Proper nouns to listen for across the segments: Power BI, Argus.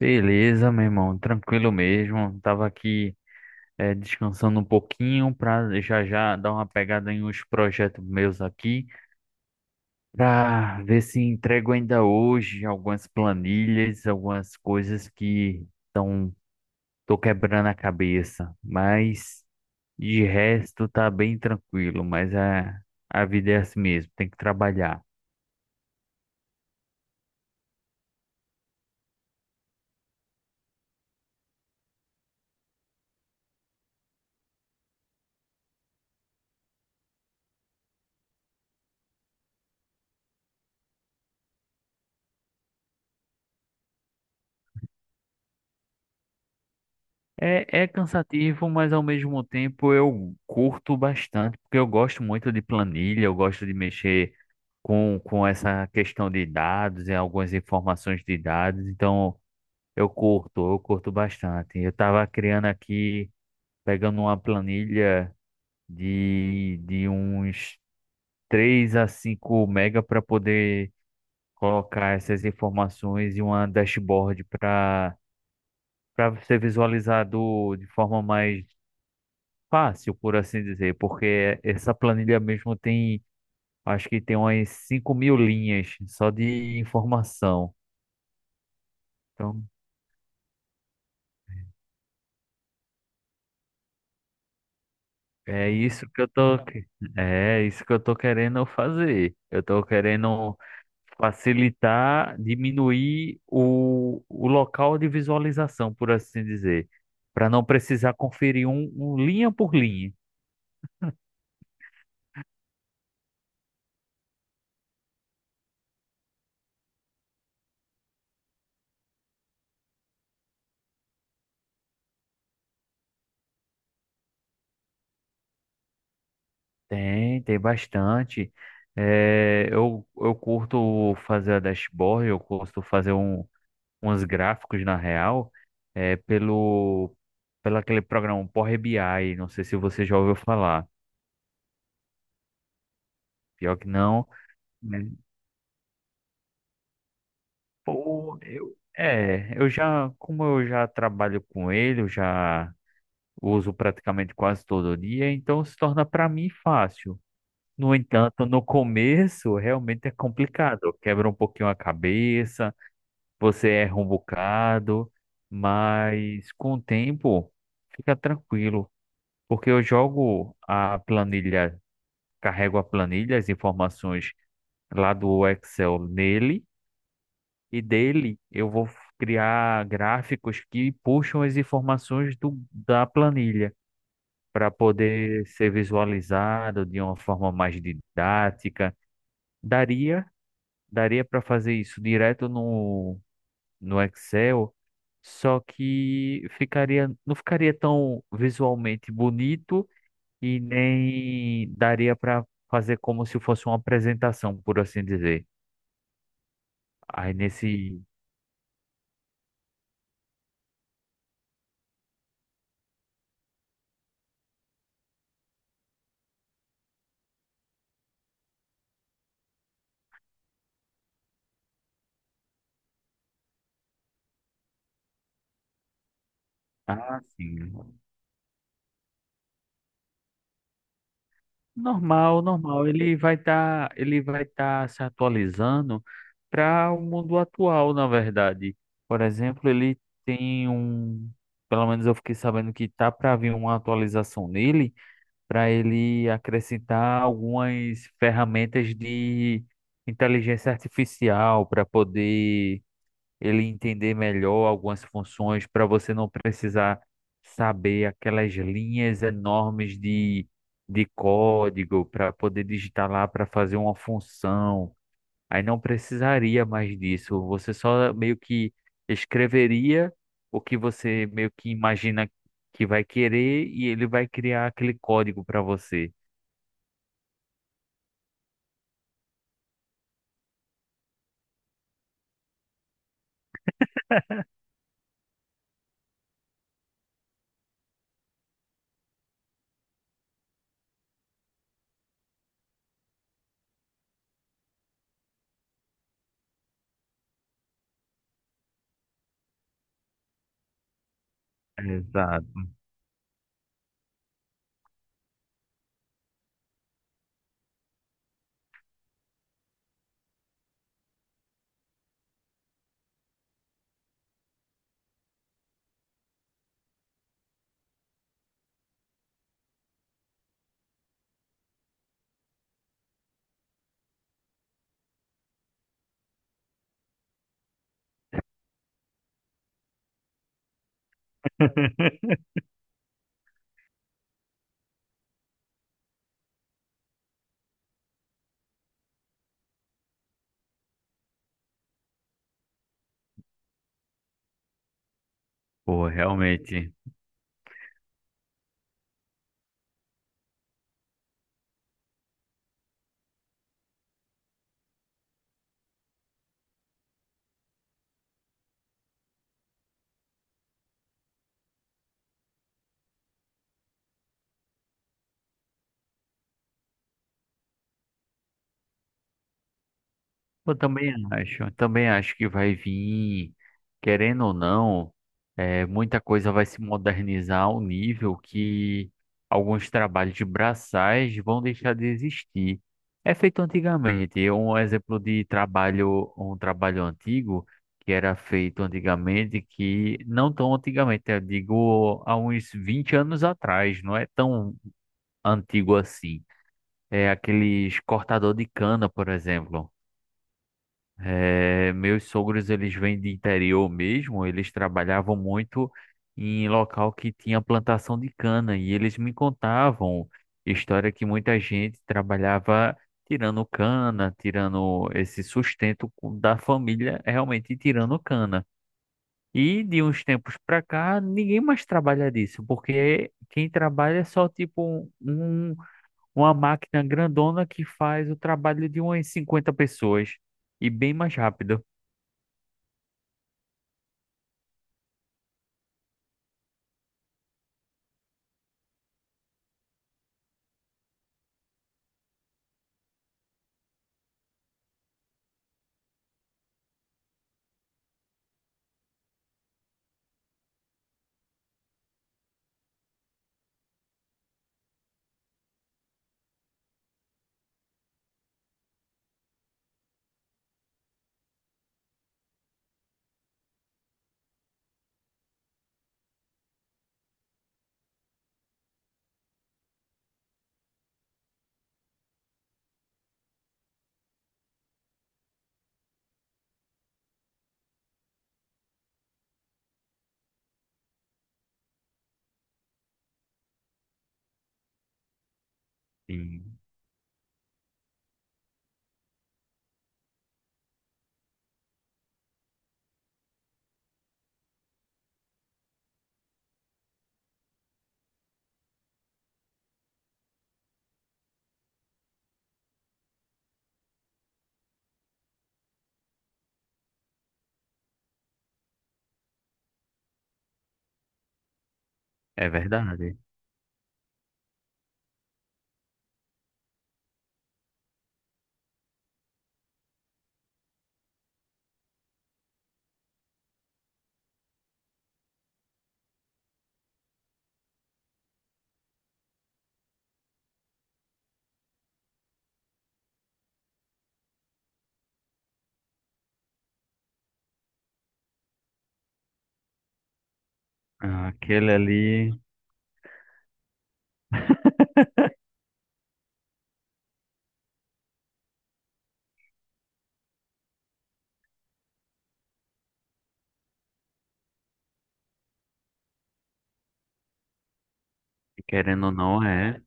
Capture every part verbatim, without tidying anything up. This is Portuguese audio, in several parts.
Beleza, meu irmão, tranquilo mesmo. Tava aqui, eh, descansando um pouquinho para já já dar uma pegada em uns projetos meus aqui, para ver se entrego ainda hoje algumas planilhas, algumas coisas que estão tô quebrando a cabeça. Mas de resto tá bem tranquilo, mas a a vida é assim mesmo, tem que trabalhar. É, é cansativo, mas ao mesmo tempo eu curto bastante, porque eu gosto muito de planilha, eu gosto de mexer com, com essa questão de dados e algumas informações de dados, então eu curto, eu curto bastante. Eu estava criando aqui, pegando uma planilha de, de uns três a cinco megas para poder colocar essas informações e uma dashboard para para ser visualizado de forma mais fácil, por assim dizer, porque essa planilha mesmo tem, acho que tem umas cinco mil linhas só de informação. Então, é isso que eu tô, que- é isso que eu tô querendo fazer. Eu tô querendo facilitar, diminuir o, o local de visualização, por assim dizer, para não precisar conferir um, um linha por linha. Tem, tem bastante. É, eu, eu curto fazer a dashboard, eu curto fazer um, uns gráficos na real, é, pelo, pelo aquele programa Power B I, não sei se você já ouviu falar. Pior que não, né? Pô, eu, é, eu já, como eu já trabalho com ele, eu já uso praticamente quase todo dia, então se torna para mim fácil. No entanto, no começo realmente é complicado, quebra um pouquinho a cabeça, você erra um bocado, mas com o tempo fica tranquilo. Porque eu jogo a planilha, carrego a planilha, as informações lá do Excel nele, e dele eu vou criar gráficos que puxam as informações do, da planilha para poder ser visualizado de uma forma mais didática. Daria, daria para fazer isso direto no, no Excel, só que ficaria, não ficaria tão visualmente bonito e nem daria para fazer como se fosse uma apresentação, por assim dizer. Aí nesse, ah, sim. Normal, normal. Ele vai estar, ele vai estar se atualizando para o mundo atual, na verdade. Por exemplo, ele tem um, pelo menos eu fiquei sabendo que tá para vir uma atualização nele, para ele acrescentar algumas ferramentas de inteligência artificial para poder ele entender melhor algumas funções para você não precisar saber aquelas linhas enormes de, de código para poder digitar lá para fazer uma função. Aí não precisaria mais disso. Você só meio que escreveria o que você meio que imagina que vai querer e ele vai criar aquele código para você. Exato. Pô, realmente. Eu também acho, eu também acho que vai vir, querendo ou não, é, muita coisa vai se modernizar ao nível que alguns trabalhos de braçais vão deixar de existir. É feito antigamente, um exemplo de trabalho, um trabalho antigo que era feito antigamente, que não tão antigamente, eu digo há uns vinte anos atrás, não é tão antigo assim. É aqueles cortador de cana, por exemplo. É, meus sogros, eles vêm de interior mesmo, eles trabalhavam muito em local que tinha plantação de cana e eles me contavam história que muita gente trabalhava tirando cana, tirando esse sustento co- da família, realmente tirando cana. E de uns tempos pra cá, ninguém mais trabalha disso, porque quem trabalha é só tipo um, um, uma máquina grandona que faz o trabalho de umas cinquenta pessoas e bem mais rápido. Sim, é verdade. Ah, aquele ali, querendo ou não, é.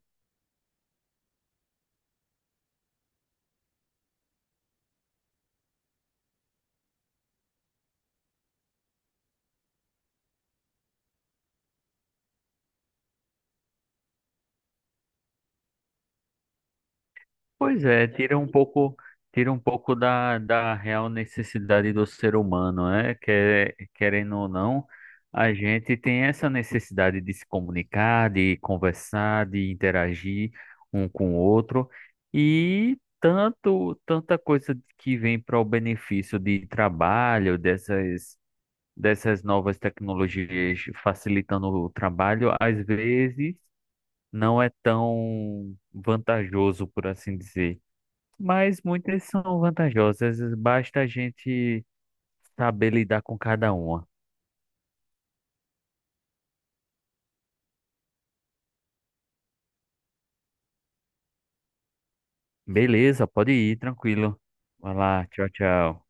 Pois é, tira um pouco, tira um pouco da, da real necessidade do ser humano, né? quer querendo ou não, a gente tem essa necessidade de se comunicar, de conversar, de interagir um com o outro. E tanto, tanta coisa que vem para o benefício de trabalho, dessas. Dessas novas tecnologias facilitando o trabalho, às vezes não é tão vantajoso, por assim dizer. Mas muitas são vantajosas, basta a gente saber lidar com cada uma. Beleza, pode ir, tranquilo. Vai lá, tchau, tchau.